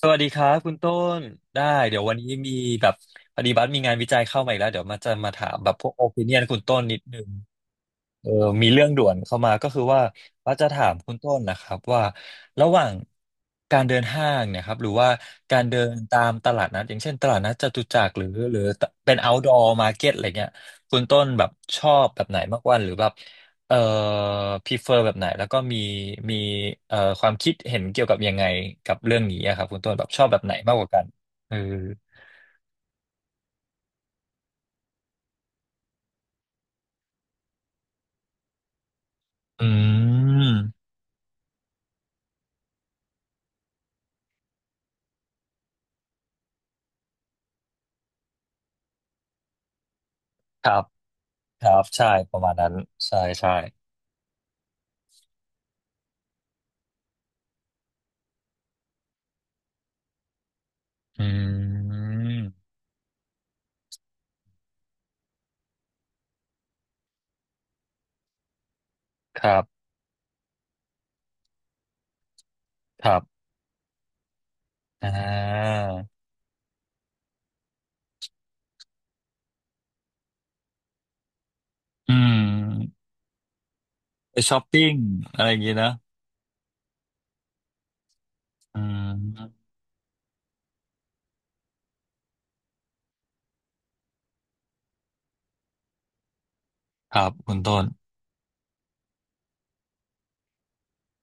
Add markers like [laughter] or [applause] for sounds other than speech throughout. สวัสดีครับคุณต้นได้เดี๋ยววันนี้มีแบบพอดีบัสมีงานวิจัยเข้ามาอีกแล้วเดี๋ยวมาจะมาถามแบบพวกโอ i ิเนียนคุณต้นนิดนึง เออมีเรื่องด่วนเข้ามาก็คือว่าจะถามคุณต้นนะครับว่าระหว่างการเดินห้างเนยครับหรือว่าการเดินตามตลาดนัดอย่างเช่นตลาดนัดจตุจักรหรือเป็น outdoor market อะไรเงี้ยคุณต้นแบบชอบแบบไหนมากกว่าหรือแบบเอ่อ prefer แบบไหนแล้วก็มีความคิดเห็นเกี่ยวกับยังไงกับเรื่องนี้อะครับคุณต้นแบบชอบแบบไหนมากกว่ากันเอออืมครับครับใช่ประมาณนั้นใช่ใช่ อืม ครับ ครับอ่าอืม ไปช้อปปิ้งอะไรอย่างงี้นะ อืม ครับคุณต้น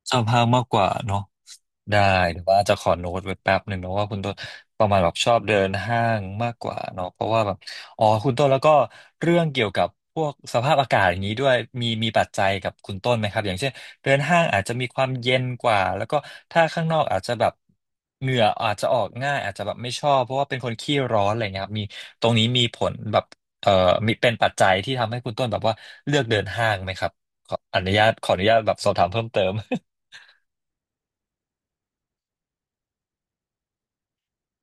ชอบห้างมากกว่าเนอะ ได้หรือว่าจะขอโน้ตไว้แป๊บหนึ่งเนอะว่าคุณต้นประมาณแบบชอบเดินห้างมากกว่าเนาะเพราะว่าแบบอ๋อคุณต้นแล้วก็เรื่องเกี่ยวกับพวกสภาพอากาศอย่างนี้ด้วยมีปัจจัยกับคุณต้นไหมครับอย่างเช่นเดินห้างอาจจะมีความเย็นกว่าแล้วก็ถ้าข้างนอกอาจจะแบบเหงื่ออาจจะออกง่ายอาจจะแบบไม่ชอบเพราะว่าเป็นคนขี้ร้อนอะไรเงี้ยครับมีตรงนี้มีผลแบบเอ่อมีเป็นปัจจัยที่ทำให้คุณต้นแบบว่าเลือกเดินห้างไหมครับขออนุญาตแบบสอบถามเพิ่มเติม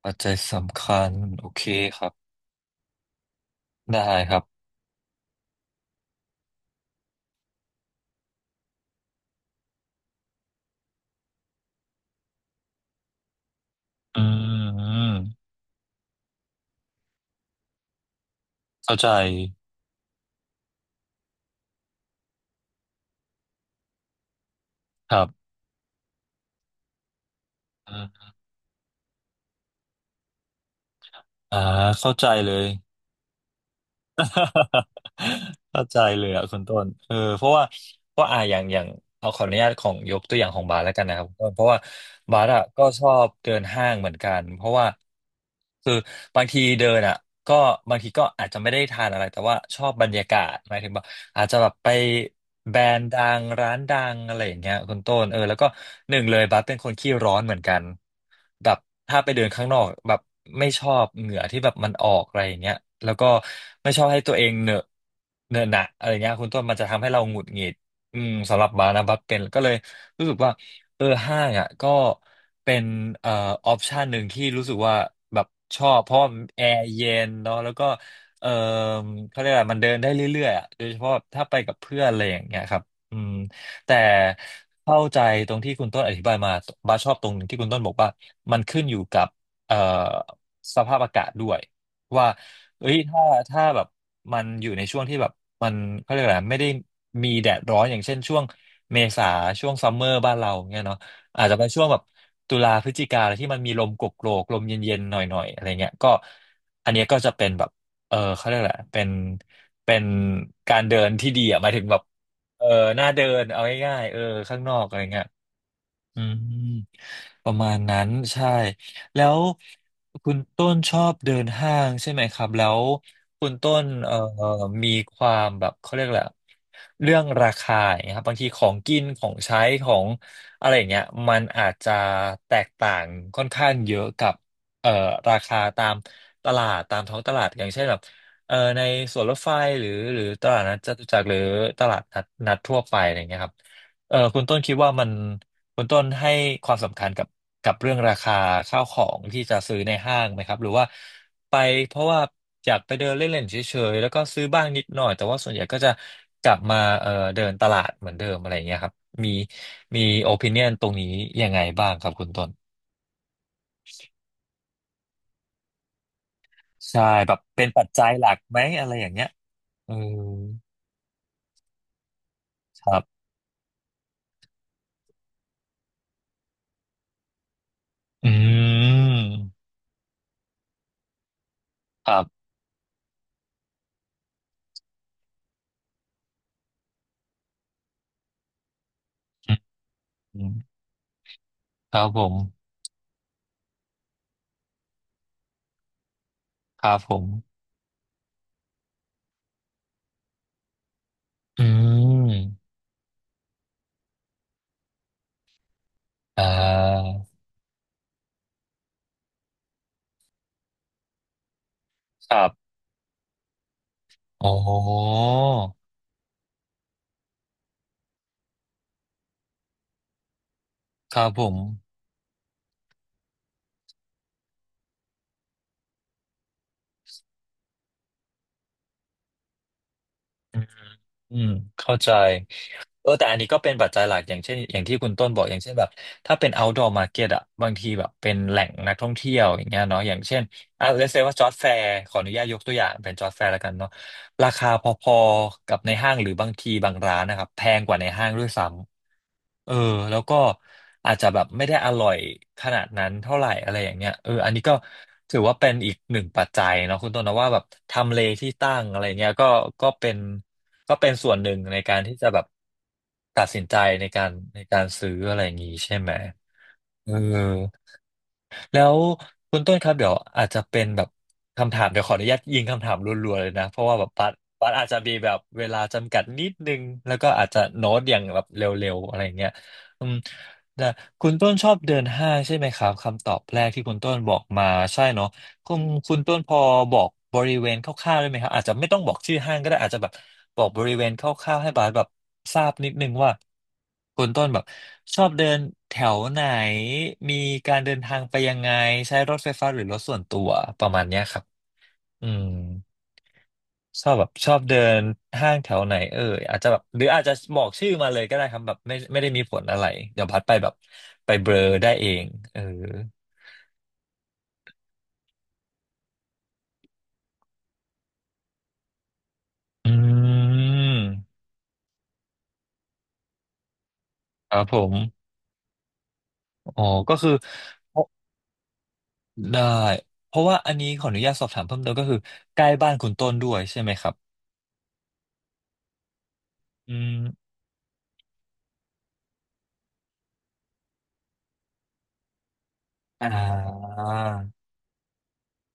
ปัจจัยสำคัญ โอเคครับ ได้ครับ อืมอืมเข้าใจครับอ่าเข้าใจเลย [laughs] เข้าใจเลยอ่ะคุณต้นเออเพราะว่าเพราะอ่าอย่างเอาขออนุญาตของยกตัวอย่างของบาสแล้วกันนะครับคุณต้นเพราะว่าบาสอ่ะก็ชอบเดินห้างเหมือนกันเพราะว่าคือบางทีเดินอ่ะก็บางทีก็อาจจะไม่ได้ทานอะไรแต่ว่าชอบบรรยากาศหมายถึงว่าอาจจะแบบไปแบรนด์ดังร้านดังอะไรอย่างเงี้ยคุณต้นเออแล้วก็หนึ่งเลยบาสเป็นคนขี้ร้อนเหมือนกัน แบบถ้าไปเดินข้างนอกแบบไม่ชอบเหงื่อที่แบบมันออกอะไรอย่างเงี้ยแล้วก็ไม่ชอบให้ตัวเองเหนอะหนะอะไรเงี้ยคุณต้นมันจะทำให้เราหงุดหงิดอืมสำหรับบาร์นะบัสเป็นก็เลยรู้สึกว่าเออห้างอ่ะก็เป็นเอ่อออปชันหนึ่งที่รู้สึกว่าแบบชอบเพราะแอร์เย็นเนาะแล้วก็เออเขาเรียกอะไรมันเดินได้เรื่อยๆอ่ะโดยเฉพาะถ้าไปกับเพื่อนอะไรอย่างเงี้ยครับอืม แต่เข้าใจตรงที่คุณต้นอธิบายมาบาสชอบตรงที่คุณต้นบอกว่ามันขึ้นอยู่กับเอ่อสภาพอากาศด้วยว่าเอ้ยถ้าแบบมันอยู่ในช่วงที่แบบมันเขาเรียกอะไรไม่ได้มีแดดร้อนอย่างเช่นช่วงเมษาช่วงซัมเมอร์บ้านเราเงี้ยเนาะอาจจะไปช่วงแบบตุลาพฤศจิกาอะไรที่มันมีลมโกโกรกๆลมเย็นๆหน่อยๆอะไรเงี้ยก็อันเนี้ยก็จะเป็นแบบเออเขาเรียกแหละไรเป็นการเดินที่ดีอ่ะหมายถึงแบบ เออหน้าเดิน เอาง่ายๆเออ ข้างนอกอะไรเงี้ย อืมประมาณนั้นใช่แล้วคุณต้นชอบเดินห้างใช่ไหมครับแล้วคุณต้นมีความแบบเขาเรียกแหละไรอะเรื่องราคาอย่างเงี้ยครับบางทีของกินของใช้ของอะไรอย่างเงี้ยมันอาจจะแตกต่างค่อนข้างเยอะกับเอ่อราคาตามตลาดตามท้องตลาดอย่างเช่นแบบในสวนรถไฟหรือตลาดนัดจตุจักรหรือตลาดนัดทั่วไปอะไรอย่างเงี้ยครับเออคุณต้นคิดว่ามัน คุณต้นให้ความสำคัญกับเรื่องราคาข้าวของที่จะซื้อในห้างไหมครับหรือว่าไปเพราะว่าอยากไปเดินเล่นๆเฉยๆแล้วก็ซื้อบ้างนิดหน่อยแต่ว่าส่วนใหญ่ก็จะกลับมาเดินตลาดเหมือนเดิมอะไรอย่างเงี้ยครับมีมีโอ i ิเนียนตรงนี้ยังไงบ้างครับคุณต้นใช่แบบเป็นปัจจัยหลักไหมอะไรอย่างเงี้ยเออครับอืมครับอืมครับผมครับผมอืมอ่าครับ อ๋อครับผมอืมเข้าใจเออแต่อันนี้ก็เป็นปัจจัยหลักอย่างเช่นอย่างที่คุณต้นบอกอย่างเช่นแบบถ้าเป็น outdoor market อะบางทีแบบเป็นแหล่งนักท่องเที่ยวอย่างเงี้ยเนาะอย่างเช่นlet's say ว่าจอร์จแฟร์ขออนุญาตยกตัวอย่างเป็นจอร์จแฟร์แล้วกันเนาะ ราคาพอๆกับในห้างหรือบางทีบางร้านนะครับแพงกว่าในห้างด้วยซ้ำเออแล้วก็อาจจะแบบไม่ได้อร่อยขนาดนั้นเท่าไหร่อะไรอย่างเงี้ยเอออันนี้ก็ถือว่าเป็นอีกหนึ่งปัจจัยเนาะคุณต้นนะว่าแบบทำเลที่ตั้งอะไรเงี้ยก็เป็นส่วนหนึ่งในการที่จะแบบตัดสินใจในการซื้ออะไรอย่างงี้ใช่ไหมเออ แล้วคุณต้นครับเดี๋ยวอาจจะเป็นแบบคำถามเดี๋ยวขออนุญาตยิงคำถามรัวๆเลยนะเพราะว่าแบบปัดอาจจะมีแบบเวลาจำกัดนิดนึงแล้วก็อาจจะโน้ตอย่างแบบเร็วๆอะไรอย่างเงี้ยอืมแต่คุณต้นชอบเดินห้างใช่ไหมครับคำตอบแรกที่คุณต้นบอกมาใช่เนาะ คุณคุณต้นพอบอกบริเวณคร่าวๆได้ไหมครับอาจจะไม่ต้องบอกชื่อห้างก็ได้อาจจะแบบบอกบริเวณคร่าวๆให้บาสแบบทราบนิดนึงว่าคุณต้นแบบชอบเดินแถวไหนมีการเดินทางไปยังไงใช้รถไฟฟ้าหรือรถส่วนตัวประมาณเนี้ยครับอืมชอบแบบชอบเดินห้างแถวไหนเอออาจจะแบบหรืออาจจะบอกชื่อมาเลยก็ได้ครับแบบไม่ได้มีผลอะไรเดี๋ยวพัดไปแบบไปเบลอได้เองเอออืมครับผม อ๋อก็คือเพราะได้เพราะว่าอันนี้ขออนุญาตสอบถามเพิ่มเติมก็คือใกล้บ้านคุณต้นด้วยใช่ไหมครับอืมอ่า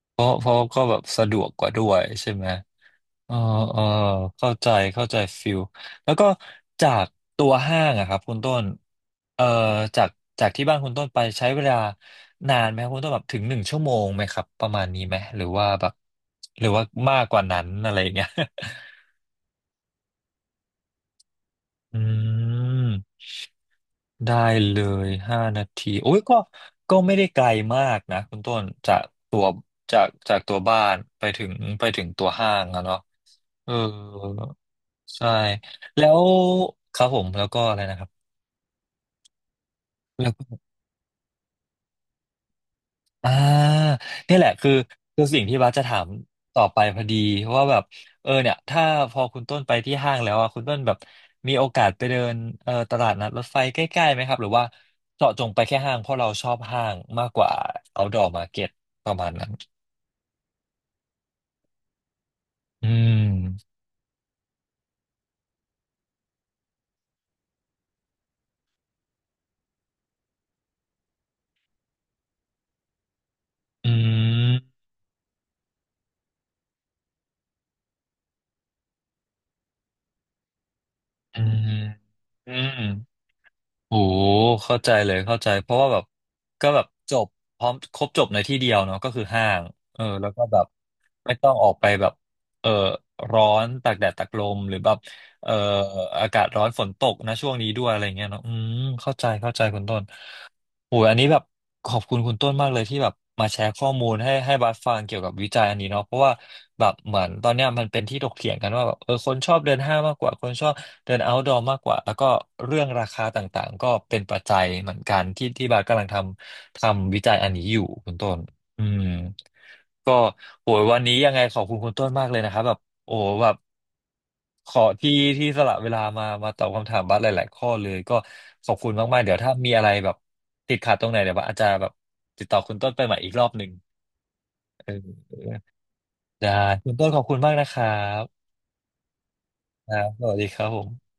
เพราะก็แบบสะดวกกว่าด้วยใช่ไหมเออเออเข้าใจเข้าใจฟิลแล้วก็จากตัวห้างอะครับคุณต้นเอ่อจากจากที่บ้านคุณต้นไปใช้เวลานานไหมครับคุณต้นแบบถึง1 ชั่วโมงไหมครับประมาณนี้ไหมหรือว่ามากกว่านั้นอะไรอย่างเงี้ย [laughs] อืม ได้เลย5 นาทีโอ้ยก็ไม่ได้ไกลมากนะคุณต้นจากตัวจากตัวบ้านไปถึงตัวห้างอะเนาะเออใช่แล้วครับผมแล้วก็อะไรนะครับ อ่าเนี่ยแหละคือสิ่งที่บัสจะถามต่อไปพอดีว่าแบบเออเนี่ยถ้าพอคุณต้นไปที่ห้างแล้วอ่ะคุณต้นแบบมีโอกาสไปเดินตลาดนัดรถไฟใกล้ๆไหมครับหรือว่าเจาะจงไปแค่ห้างเพราะเราชอบห้างมากกว่า outdoor market ประมาณนั้นอืมอืมอืมอืม โอ้เข้าใจเลยเข้าใจเพราะว่าแบบก็แบบจบพร้อมครบจบในที่เดียวเนาะก็คือห้างเออแล้วก็แบบไม่ต้องออกไปแบบเออร้อนตากแดดตากลมหรือแบบเอออากาศร้อนฝนตกนะช่วงนี้ด้วยอะไรเงี้ยเนาะอืมเข้าใจเข้าใจคุณต้น โอ้ยอันนี้แบบขอบคุณคุณต้นมากเลยที่แบบมาแชร์ข้อมูลให้บัสฟังเกี่ยวกับวิจัยอันนี้เนาะเพราะว่าแบบเหมือนตอนเนี้ยมันเป็นที่ถกเถียงกันว่าแบบเออคนชอบเดินห้างมากกว่าคนชอบเดินเอาท์ดรมากกว่าแล้วก็เรื่องราคาต่างๆก็เป็นปัจจัยเหมือนกันที่บัสกำลังทำวิจัยอันนี้อยู่คุณต้นอืม ก็โหยวันนี้ยังไงขอบคุณคุณต้นมากเลยนะครับแบบโอ้แบบขอที่สละเวลามาตอบคำถามบัสหลายๆข้อเลยก็ขอบคุณมากๆเดี๋ยวถ้ามีอะไรแบบติดขัดตรงไหนเดี๋ยวบัสอาจจะแบบติดต่อคุณต้นไปใหม่อีกรอบหนึ่งเออได้คุณต้นขอบคุณมากนะครับครับสวัสดีครับผม